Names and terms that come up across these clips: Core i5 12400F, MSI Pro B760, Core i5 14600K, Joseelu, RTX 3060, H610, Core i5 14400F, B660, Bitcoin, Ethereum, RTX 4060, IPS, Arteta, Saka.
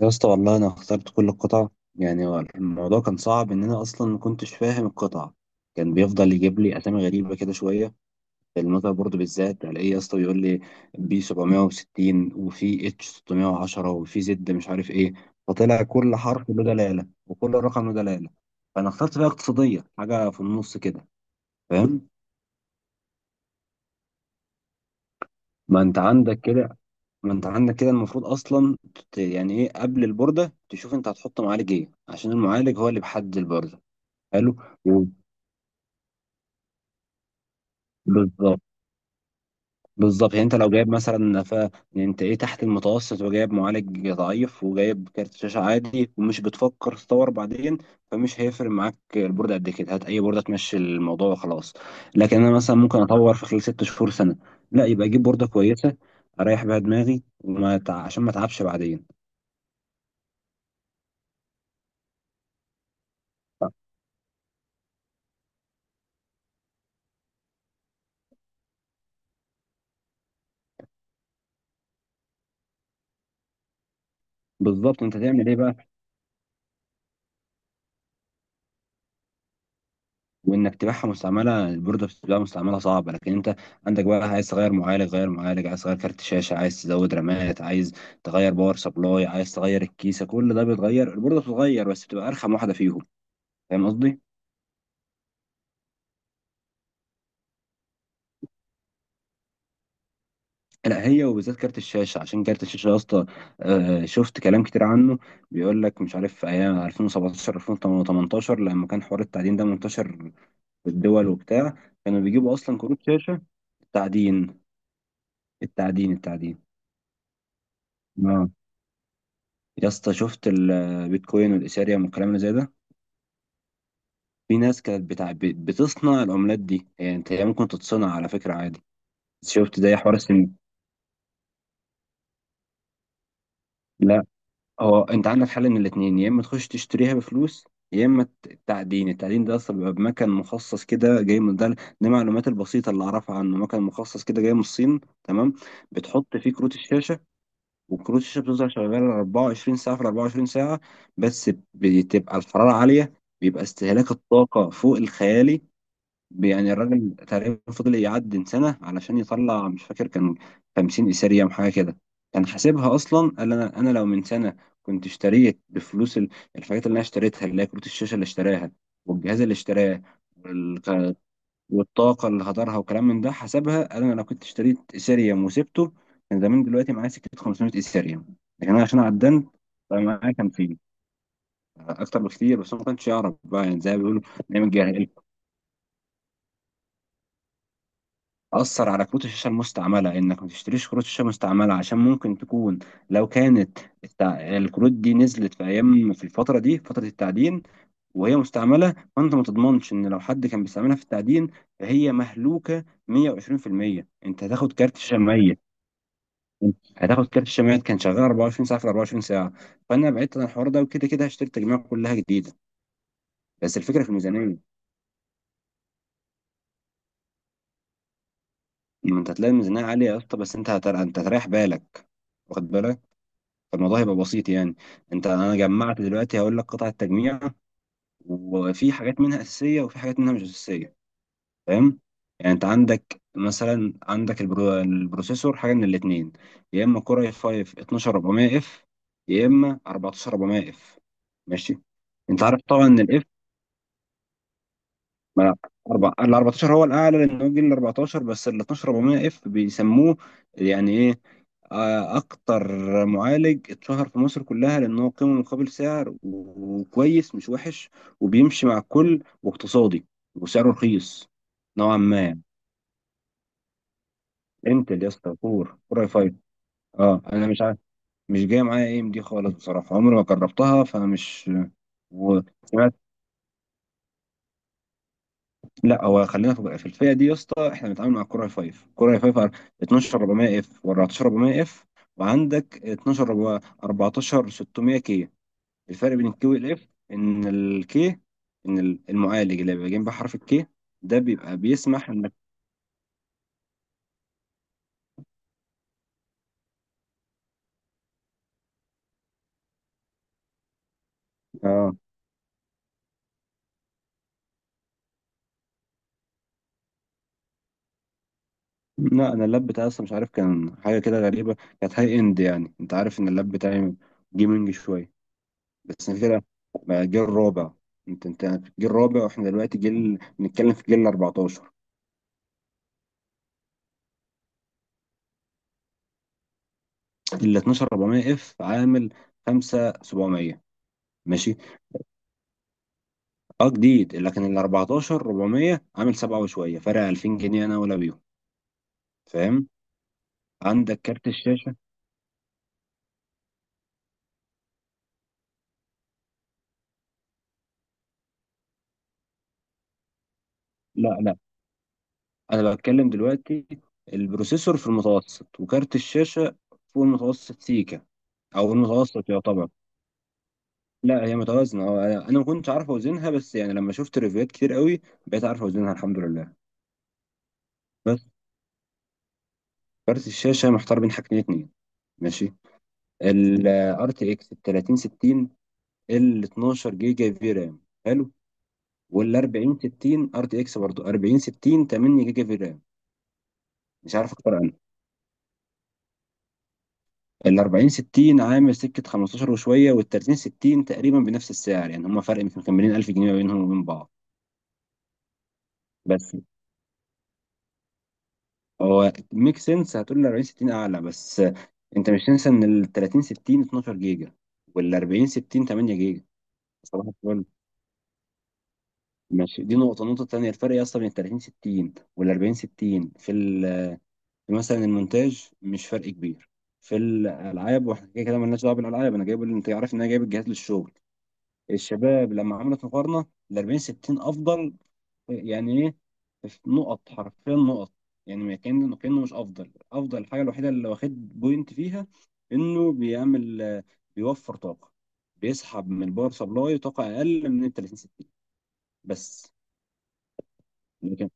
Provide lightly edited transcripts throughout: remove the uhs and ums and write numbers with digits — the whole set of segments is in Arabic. يا اسطى والله انا اخترت كل القطع. يعني هو الموضوع كان صعب ان انا اصلا ما كنتش فاهم القطع، كان بيفضل يجيب لي اسامي غريبه كده شويه. في المذر بورد بالذات الاقيه يا اسطى بيقول لي بي 760 وفي اتش 610 وفي زد مش عارف ايه، فطلع كل حرف له دلاله وكل رقم له دلاله. فانا اخترت بقى اقتصاديه، حاجه في النص كده، فاهم. ما انت عندك كده ما انت عندك كده المفروض اصلا يعني ايه قبل البورده تشوف انت هتحط معالج ايه، عشان المعالج هو اللي بيحدد البورده. حلو، و- بالظبط. بالظبط، يعني انت لو جايب مثلا يعني انت ايه تحت المتوسط وجايب معالج ضعيف وجايب كارت شاشه عادي ومش بتفكر تطور بعدين، فمش هيفرق معاك البورد قد كده، هات اي بورده تمشي الموضوع وخلاص. لكن انا مثلا ممكن اطور في خلال ست شهور سنه، لا يبقى اجيب بورده كويسه اريح بيها دماغي عشان ما اتعبش بعدين. بالظبط، انت تعمل ايه بقى؟ وانك تبيعها مستعمله، البورده بتبقى مستعمله صعبه. لكن انت عندك بقى عايز تغير معالج، غير معالج عايز تغير كارت شاشه، عايز تزود رامات، عايز تغير باور سبلاي، عايز تغير الكيسه، كل ده بيتغير، البورده بتتغير بس بتبقى ارخم واحده فيهم، فاهم قصدي. لا، هي وبالذات كارت الشاشه، عشان كارت الشاشه يا اسطى، شفت كلام كتير عنه. بيقول لك مش عارف في ايام 2017 2018 لما كان حوار التعدين ده منتشر في الدول وبتاع، كانوا بيجيبوا اصلا كروت شاشه تعدين. التعدين، التعدين. آه. يا اسطى شفت البيتكوين والايثيريوم والكلام اللي زي ده، في ناس كانت بتاع بتصنع العملات دي. يعني انت هي ممكن تتصنع على فكره عادي، شفت زي حوار السن. لا، هو انت عندك حل من الاثنين، يا اما تخش تشتريها بفلوس، يا اما التعدين. التعدين ده اصلا بيبقى بمكان مخصص كده جاي من ده، دي المعلومات البسيطه اللي اعرفها عنه، مكان مخصص كده جاي من الصين، تمام. بتحط فيه كروت الشاشه، وكروت الشاشه بتفضل شغاله 24 ساعه في 24 ساعه، بس بتبقى الحراره عاليه، بيبقى استهلاك الطاقة فوق الخيالي. يعني الراجل تقريبا فضل يعدي سنة علشان يطلع مش فاكر كان 50 إيثيريوم حاجة كده، كان حاسبها أصلا، قال أنا لو من سنة كنت اشتريت بفلوس الحاجات اللي أنا اشتريتها اللي هي كروت الشاشة اللي اشتراها والجهاز اللي اشتراه والك- والطاقة اللي هدرها وكلام من ده، حسبها قال أنا لو كنت اشتريت إيثيريوم وسبته كان زمان دلوقتي معايا سكة 500 إيثيريوم، لكن أنا عشان عدنت فمعايا 50. أكتر بكتير، بس هو ما كانش يعرف بقى، يعني زي ما بيقولوا نايم الجاهل. أثر على كروت الشاشة المستعملة، إنك ما تشتريش كروت شاشة مستعملة عشان ممكن تكون، لو كانت الكروت دي نزلت في أيام، في الفترة دي فترة التعدين، وهي مستعملة فأنت ما تضمنش إن لو حد كان بيستعملها في التعدين فهي مهلوكة 120%، أنت هتاخد كارت شاشة ميت. هتاخد كارت شاشة ميت كان شغال 24 ساعة في 24 ساعة. فأنا بعدت عن الحوار ده، وكده كده هشتري التجميع كلها جديدة، بس الفكرة في الميزانية. ما أنت هتلاقي الميزانية عالية يا اسطى، بس أنت أنت هتريح بالك، واخد بالك، فالموضوع هيبقى بسيط يعني. انت انا جمعت دلوقتي هقول لك قطع التجميع، وفي حاجات منها اساسيه وفي حاجات منها مش اساسيه، فاهم. يعني انت عندك مثلا، عندك البروسيسور حاجه من الاثنين، يا اما كور اي 5 12400 اف، يا اما 14400 اف، ماشي. انت عارف طبعا ان الاف، ما أنا أربع، ال 14 هو الأعلى لأن هو الجيل ال 14، بس ال 12 400 اف بيسموه يعني إيه، أكتر معالج اتشهر في مصر كلها لأن هو قيمة مقابل سعر وكويس مش وحش وبيمشي مع الكل واقتصادي وسعره رخيص، نوعا ما. انتل يا اسطى، كور، اي 5. اه انا مش عارف مش جايه معايا اي ام دي خالص، بصراحه عمري ما جربتها فانا مش، وسمعت، لا هو خلينا في الفئه دي يا اسطى، احنا بنتعامل مع الكوره هاي فايف، الكوره هاي فايف على 12 400 اف و14 400 اف، وعندك 14 600 كي. الفرق بين الكي والاف ان الكي، ان المعالج اللي بيبقى جنب حرف الكي ده بيبقى بيسمح انك، اه. لا، انا اللاب بتاعي اصلا مش عارف كان حاجه كده غريبه، كانت هاي اند، يعني انت عارف ان اللاب بتاعي جيمنج شويه، بس أنا كده بقى جيل رابع. انت جيل رابع، واحنا دلوقتي جيل، بنتكلم في جيل 14. ال 12400 اف عامل 5700، ماشي. اه جديد، لكن ال 14400 عامل 7 وشويه، فرق 2000 جنيه انا ولا بيهم، فاهم. عندك كارت الشاشه، لا لا، انا بتكلم دلوقتي، البروسيسور في المتوسط وكارت الشاشه فوق المتوسط سيكا، او المتوسط يعتبر. لا هي متوازنه اه، أنا ما كنتش عارف اوزنها، بس يعني لما شفت ريفيوات كتير قوي بقيت عارف اوزنها، الحمد لله. بس كارت الشاشه محتار بين حاجتين اتنين، ماشي. ال RTX ال 3060 ال 12 جيجا في رام، حلو. وال 40 60 ار تي اكس، برضه 40 60، 8 جيجا في رام، مش عارف اكتر عنه. ال 40 60 عامل سكه 15 وشويه، وال 30 60 تقريبا بنفس السعر، يعني هما فرق يمكن كان مليون، 1000 جنيه ما بينهم وبين بعض. بس هو ميك سنس، هتقول ال 40 60 اعلى، بس انت مش تنسى ان ال 30 60 12 جيجا وال 40 60 8 جيجا. صباح الفل، ماشي. دي نقطة، النقطة التانية الفرق يا اسطى بين ال 30 60 وال 40 60 في ال، مثلا المونتاج، مش فرق كبير. في الالعاب، واحنا كده كده مالناش دعوه بالالعاب، انا جايب، اللي انت عارف ان انا جايب الجهاز للشغل، الشباب لما عملت مقارنه ال 40 60 افضل، يعني ايه، في نقط، حرفيا نقط، يعني ما كان، كانه مش افضل افضل. الحاجه الوحيده اللي واخد بوينت فيها انه بيعمل بيوفر طاقه، بيسحب من الباور سبلاي طاقه اقل من ال 30 60، بس. لكن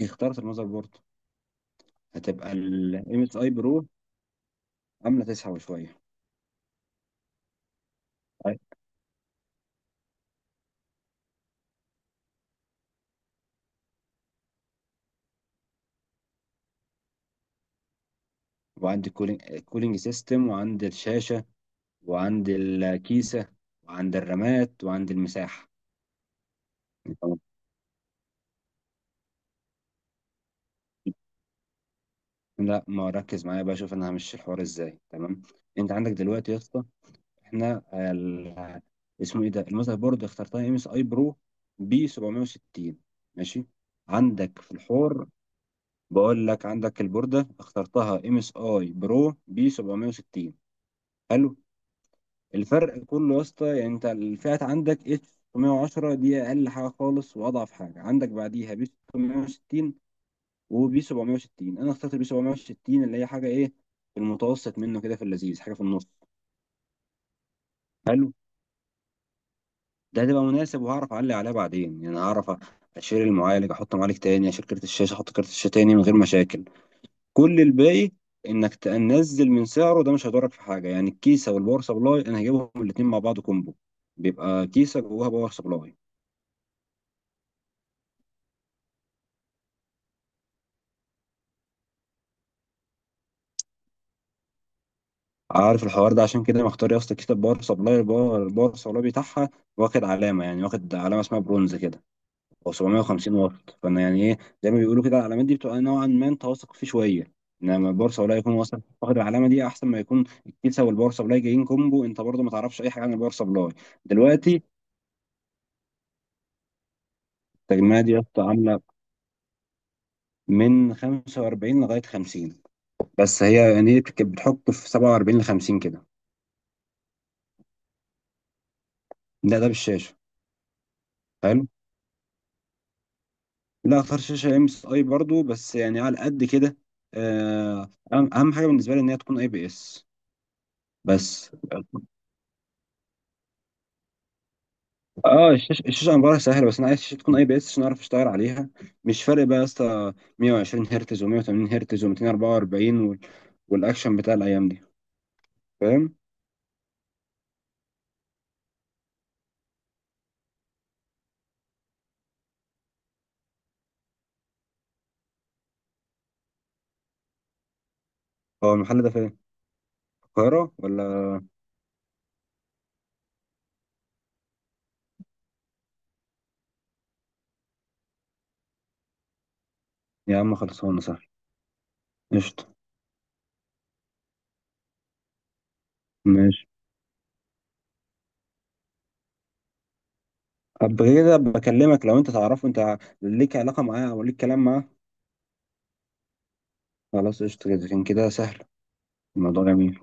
اخترت المذر بورد، هتبقى الام اس اي برو، عامله تسحب شويه. وعندي كولينج سيستم، وعندي الشاشة، وعندي الكيسة، وعندي الرامات، وعندي المساحة، تمام. لا ما ركز معايا بقى، شوف انا همشي الحوار ازاي، تمام. انت عندك دلوقتي يا اسطى احنا اسمه ايه ده، المذر بورد اخترتها ام اس اي برو بي 760، ماشي. عندك في الحوار، بقول لك عندك البوردة اخترتها ام اس اي برو بي 760، حلو. الفرق كله يا اسطى، يعني انت الفئات عندك اتش 610 دي اقل حاجه خالص واضعف حاجه، عندك بعديها بي 660، وبي 760. انا اخترت البي 760 اللي هي حاجه ايه، في المتوسط منه كده، في اللذيذ، حاجه في النص، حلو. ده هتبقى مناسب، وهعرف اعلي عليها بعدين، يعني هعرف اشيل المعالج احط معالج تاني، اشيل كارت الشاشه احط كارت الشاشه تاني من غير مشاكل. كل الباقي، انك تنزل من سعره ده مش هيضرك في حاجه، يعني الكيسه والباور سبلاي انا هجيبهم الاتنين مع بعض كومبو، بيبقى كيسه جواها باور سبلاي. عارف الحوار ده، عشان كده مختار يا اسطى كتاب باور سبلاي، الباور سبلاي بتاعها واخد علامه، يعني واخد علامه اسمها برونز كده، او 750 واط، فانا يعني ايه، زي ما بيقولوا كده، العلامات دي بتبقى نوعا ما انت واثق فيه شويه، انما الباور سبلاي يكون واثق واخد العلامه دي احسن ما يكون الكيسه والباور سبلاي جايين كومبو، انت برضه ما تعرفش اي حاجه عن الباور سبلاي. دلوقتي التجميعه دي يا اسطى عامله من 45 لغايه 50، بس هي يعني إيه، بتحط في 47 ل 50 كده. ده ده بالشاشه. لا، فرش شاشة ام اس اي برضه بس يعني على قد كده، أهم حاجة بالنسبة لي ان هي تكون اي بي اس. بس اه، الشاشة امبارح سهلة، بس انا عايز الشاشة تكون اي بي اس عشان اعرف اشتغل عليها، مش فارق بقى يا اسطى 120 هرتز و180 هرتز و244 والاكشن بتاع الايام دي، فاهم. هو المحل ده فين، القاهرة ولا؟ يا عم خلصانة صح، قشطة، ماشي. طب كده بكلمك لو انت تعرفه، انت ليك علاقة معاه او ليك كلام معاه. خلاص قشطة، كده كان كده سهل، الموضوع جميل.